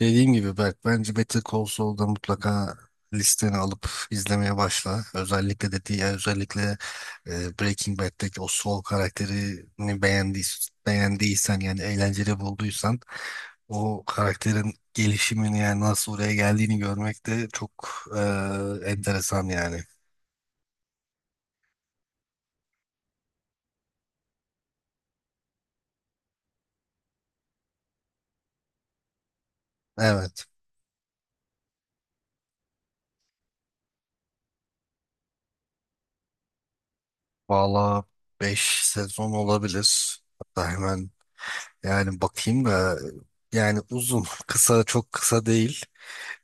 Dediğim gibi Berk, bence Better Call Saul'da mutlaka listeni alıp izlemeye başla. Özellikle de diğer özellikle Breaking Bad'deki o Saul karakterini beğendiysen yani eğlenceli bulduysan o karakterin gelişimini yani nasıl oraya geldiğini görmek de çok enteresan yani. Evet. Valla 5 sezon olabilir. Hatta hemen yani bakayım da yani uzun, kısa çok kısa değil.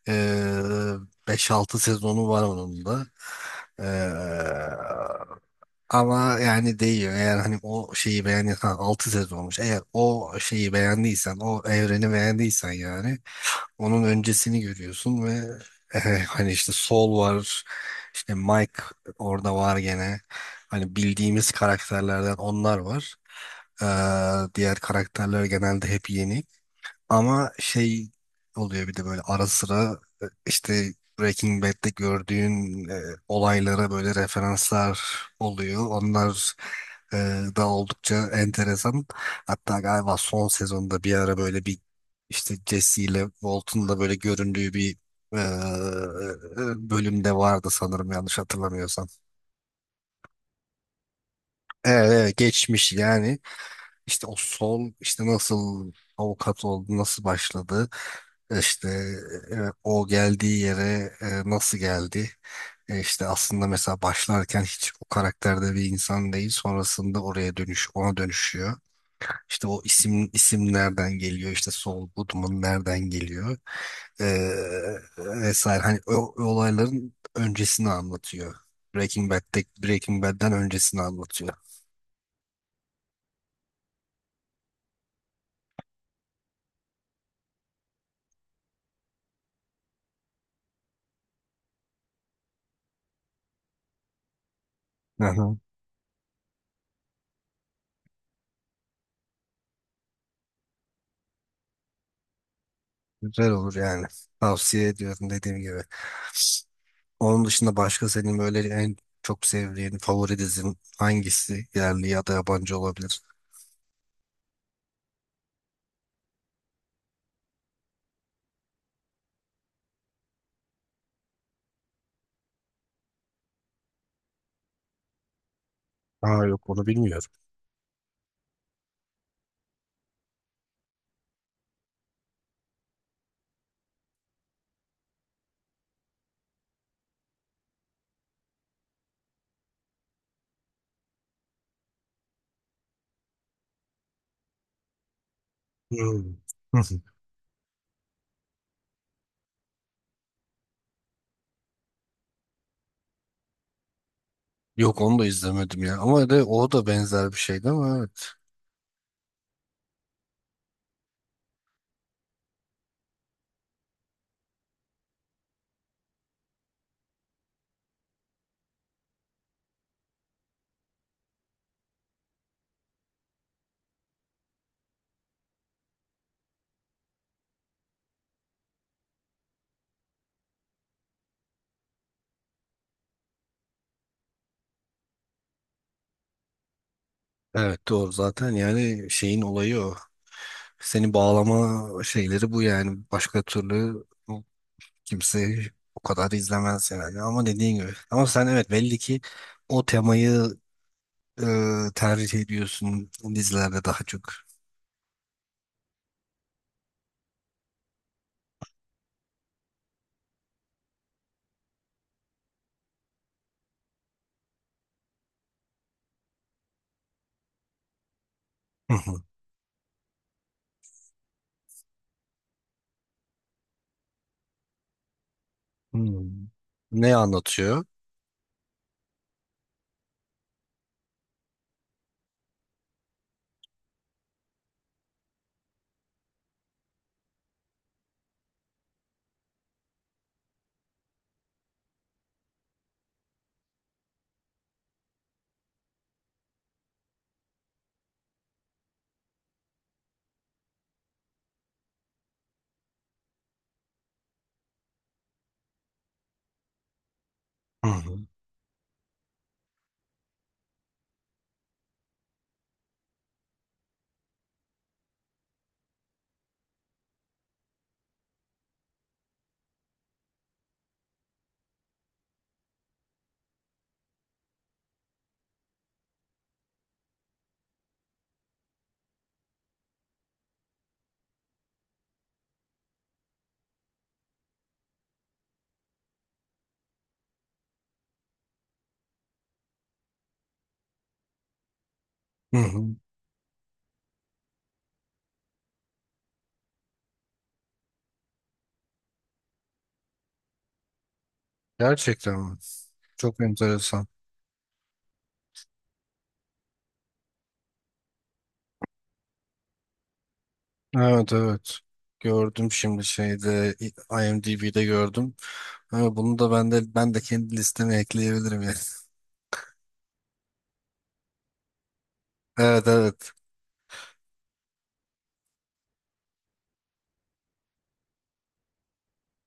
Ee, 5-6 sezonu var onun da. Ee, Ama yani değiyor. Eğer hani o şeyi beğendiysen 6 sezonmuş. Eğer o şeyi beğendiysen, o evreni beğendiysen yani onun öncesini görüyorsun ve hani işte Sol var. İşte Mike orada var gene. Hani bildiğimiz karakterlerden onlar var. Diğer karakterler genelde hep yeni. Ama şey oluyor bir de böyle ara sıra işte Breaking Bad'de gördüğün olaylara böyle referanslar oluyor. Onlar e, da oldukça enteresan. Hatta galiba son sezonda bir ara böyle bir işte Jesse ile Walt'un da böyle göründüğü bir e, bölümde vardı sanırım yanlış hatırlamıyorsam. Evet, evet, geçmiş yani. İşte o sol işte nasıl avukat oldu, nasıl başladı, işte e, o geldiği yere nasıl geldi. İşte aslında mesela başlarken hiç o karakterde bir insan değil, sonrasında oraya dönüş, ona dönüşüyor. İşte o isim isim nereden geliyor, işte Saul Goodman nereden geliyor e, vesaire. Hani o olayların öncesini anlatıyor. Breaking Bad'den öncesini anlatıyor. Hı hı. Güzel olur yani. Tavsiye ediyorum dediğim gibi. Onun dışında başka senin böyle en çok sevdiğin favori dizin hangisi? Yerli ya da yabancı olabilir. Aa, yok, onu bilmiyorum. Hmm. Hı hı. Yok, onu da izlemedim ya. Ama de o da benzer bir şeydi, ama evet. Evet, doğru, zaten yani şeyin olayı o. Seni bağlama şeyleri bu yani. Başka türlü kimse o kadar izlemez yani. Ama dediğin gibi. Ama sen, evet, belli ki o temayı e, tercih ediyorsun dizilerde daha çok? Hı hı. Hmm. Ne anlatıyor? Hı hı. Hı hı. Gerçekten mi? Çok enteresan. Evet, evet. Gördüm şimdi IMDb'de gördüm. Ama bunu da ben de kendi listeme ekleyebilirim yani. Evet, evet.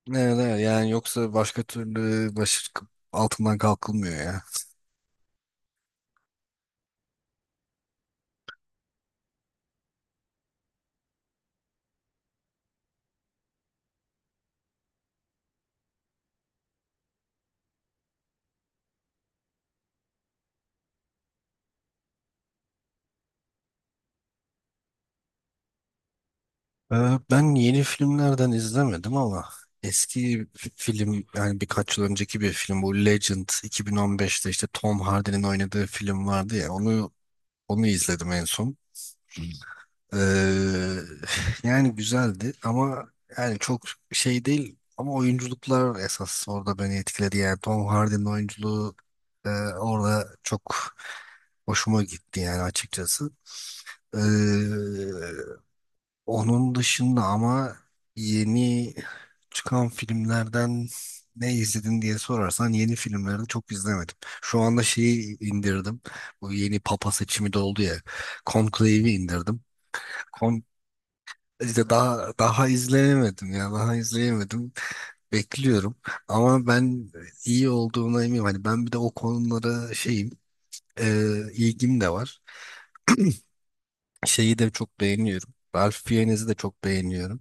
Evet, evet. Yani yoksa başka türlü başı altından kalkılmıyor ya. Ben yeni filmlerden izlemedim ama eski film yani birkaç yıl önceki bir film, bu Legend, 2015'te işte Tom Hardy'nin oynadığı film vardı ya, onu izledim en son. Ee, yani güzeldi ama yani çok şey değil, ama oyunculuklar esas orada beni etkiledi, yani Tom Hardy'nin oyunculuğu e, orada çok hoşuma gitti yani açıkçası. Ee, Onun dışında ama yeni çıkan filmlerden ne izledin diye sorarsan, yeni filmleri çok izlemedim. Şu anda şeyi indirdim. Bu yeni papa seçimi de oldu ya. Conclave'i indirdim. Kon işte daha izleyemedim ya. Daha izleyemedim. Bekliyorum. Ama ben iyi olduğuna eminim. Hani ben bir de o konulara ilgim de var. Şeyi de çok beğeniyorum. Ralph Fiennes'i de çok beğeniyorum.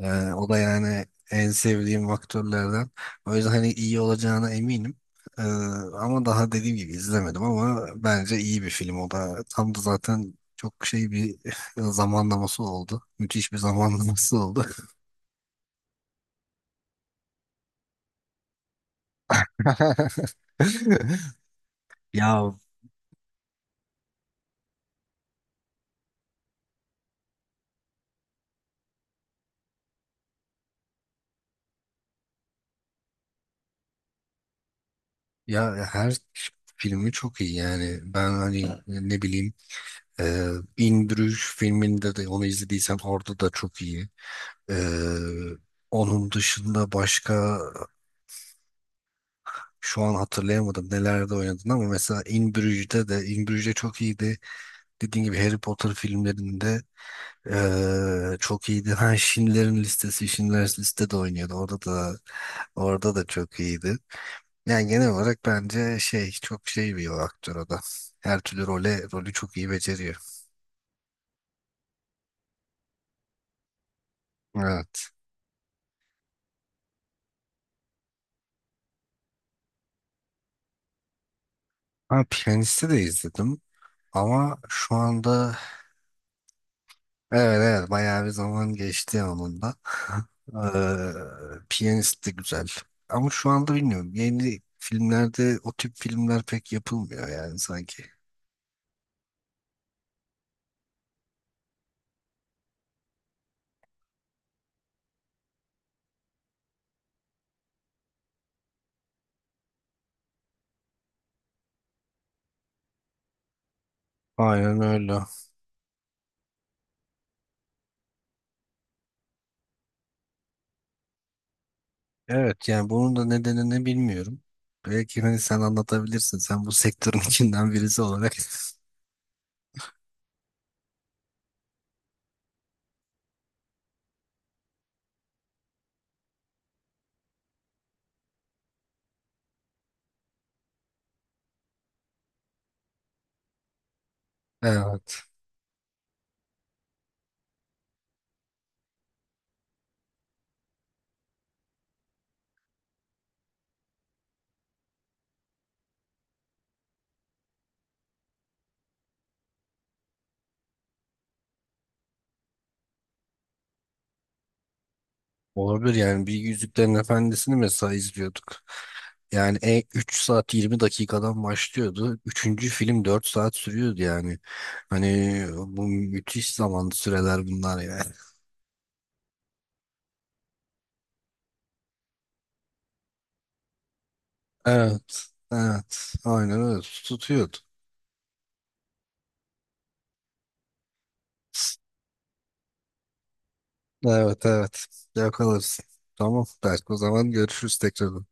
O da yani en sevdiğim aktörlerden. O yüzden hani iyi olacağına eminim. Ee, Ama daha dediğim gibi izlemedim, ama bence iyi bir film o da. Tam da zaten çok şey bir zamanlaması oldu. Müthiş bir zamanlaması oldu. Ya ya her filmi çok iyi yani. Ben hani ne bileyim e, In Bruges filminde de onu izlediysen orada da çok iyi. Ee, Onun dışında başka şu an hatırlayamadım nelerde oynadın, ama mesela In Bruges çok iyiydi. Dediğim gibi Harry Potter filmlerinde çok iyiydi. Ha Schindler's Liste de oynuyordu. Orada da çok iyiydi. Yani genel olarak bence şey, çok şey bir aktör o da. Her türlü rolü çok iyi beceriyor. Evet. Ha, Piyanist'i de izledim ama şu anda. Evet, evet, bayağı bir zaman geçti onunla. Piyanist de güzel. Ama şu anda bilmiyorum. Yeni filmlerde o tip filmler pek yapılmıyor yani sanki. Aynen öyle. Evet, yani bunun da nedeni ne bilmiyorum. Belki hani sen anlatabilirsin. Sen bu sektörün içinden birisi olarak. Evet. Olabilir yani, bir Yüzüklerin Efendisi'ni mesela izliyorduk. Yani 3 saat 20 dakikadan başlıyordu. Üçüncü film 4 saat sürüyordu yani. Hani bu müthiş zaman süreler bunlar ya. Evet. Evet. Aynen öyle. Tutuyordu. Evet, evet. Yakalarız. Tamam. Belki o zaman görüşürüz tekrar.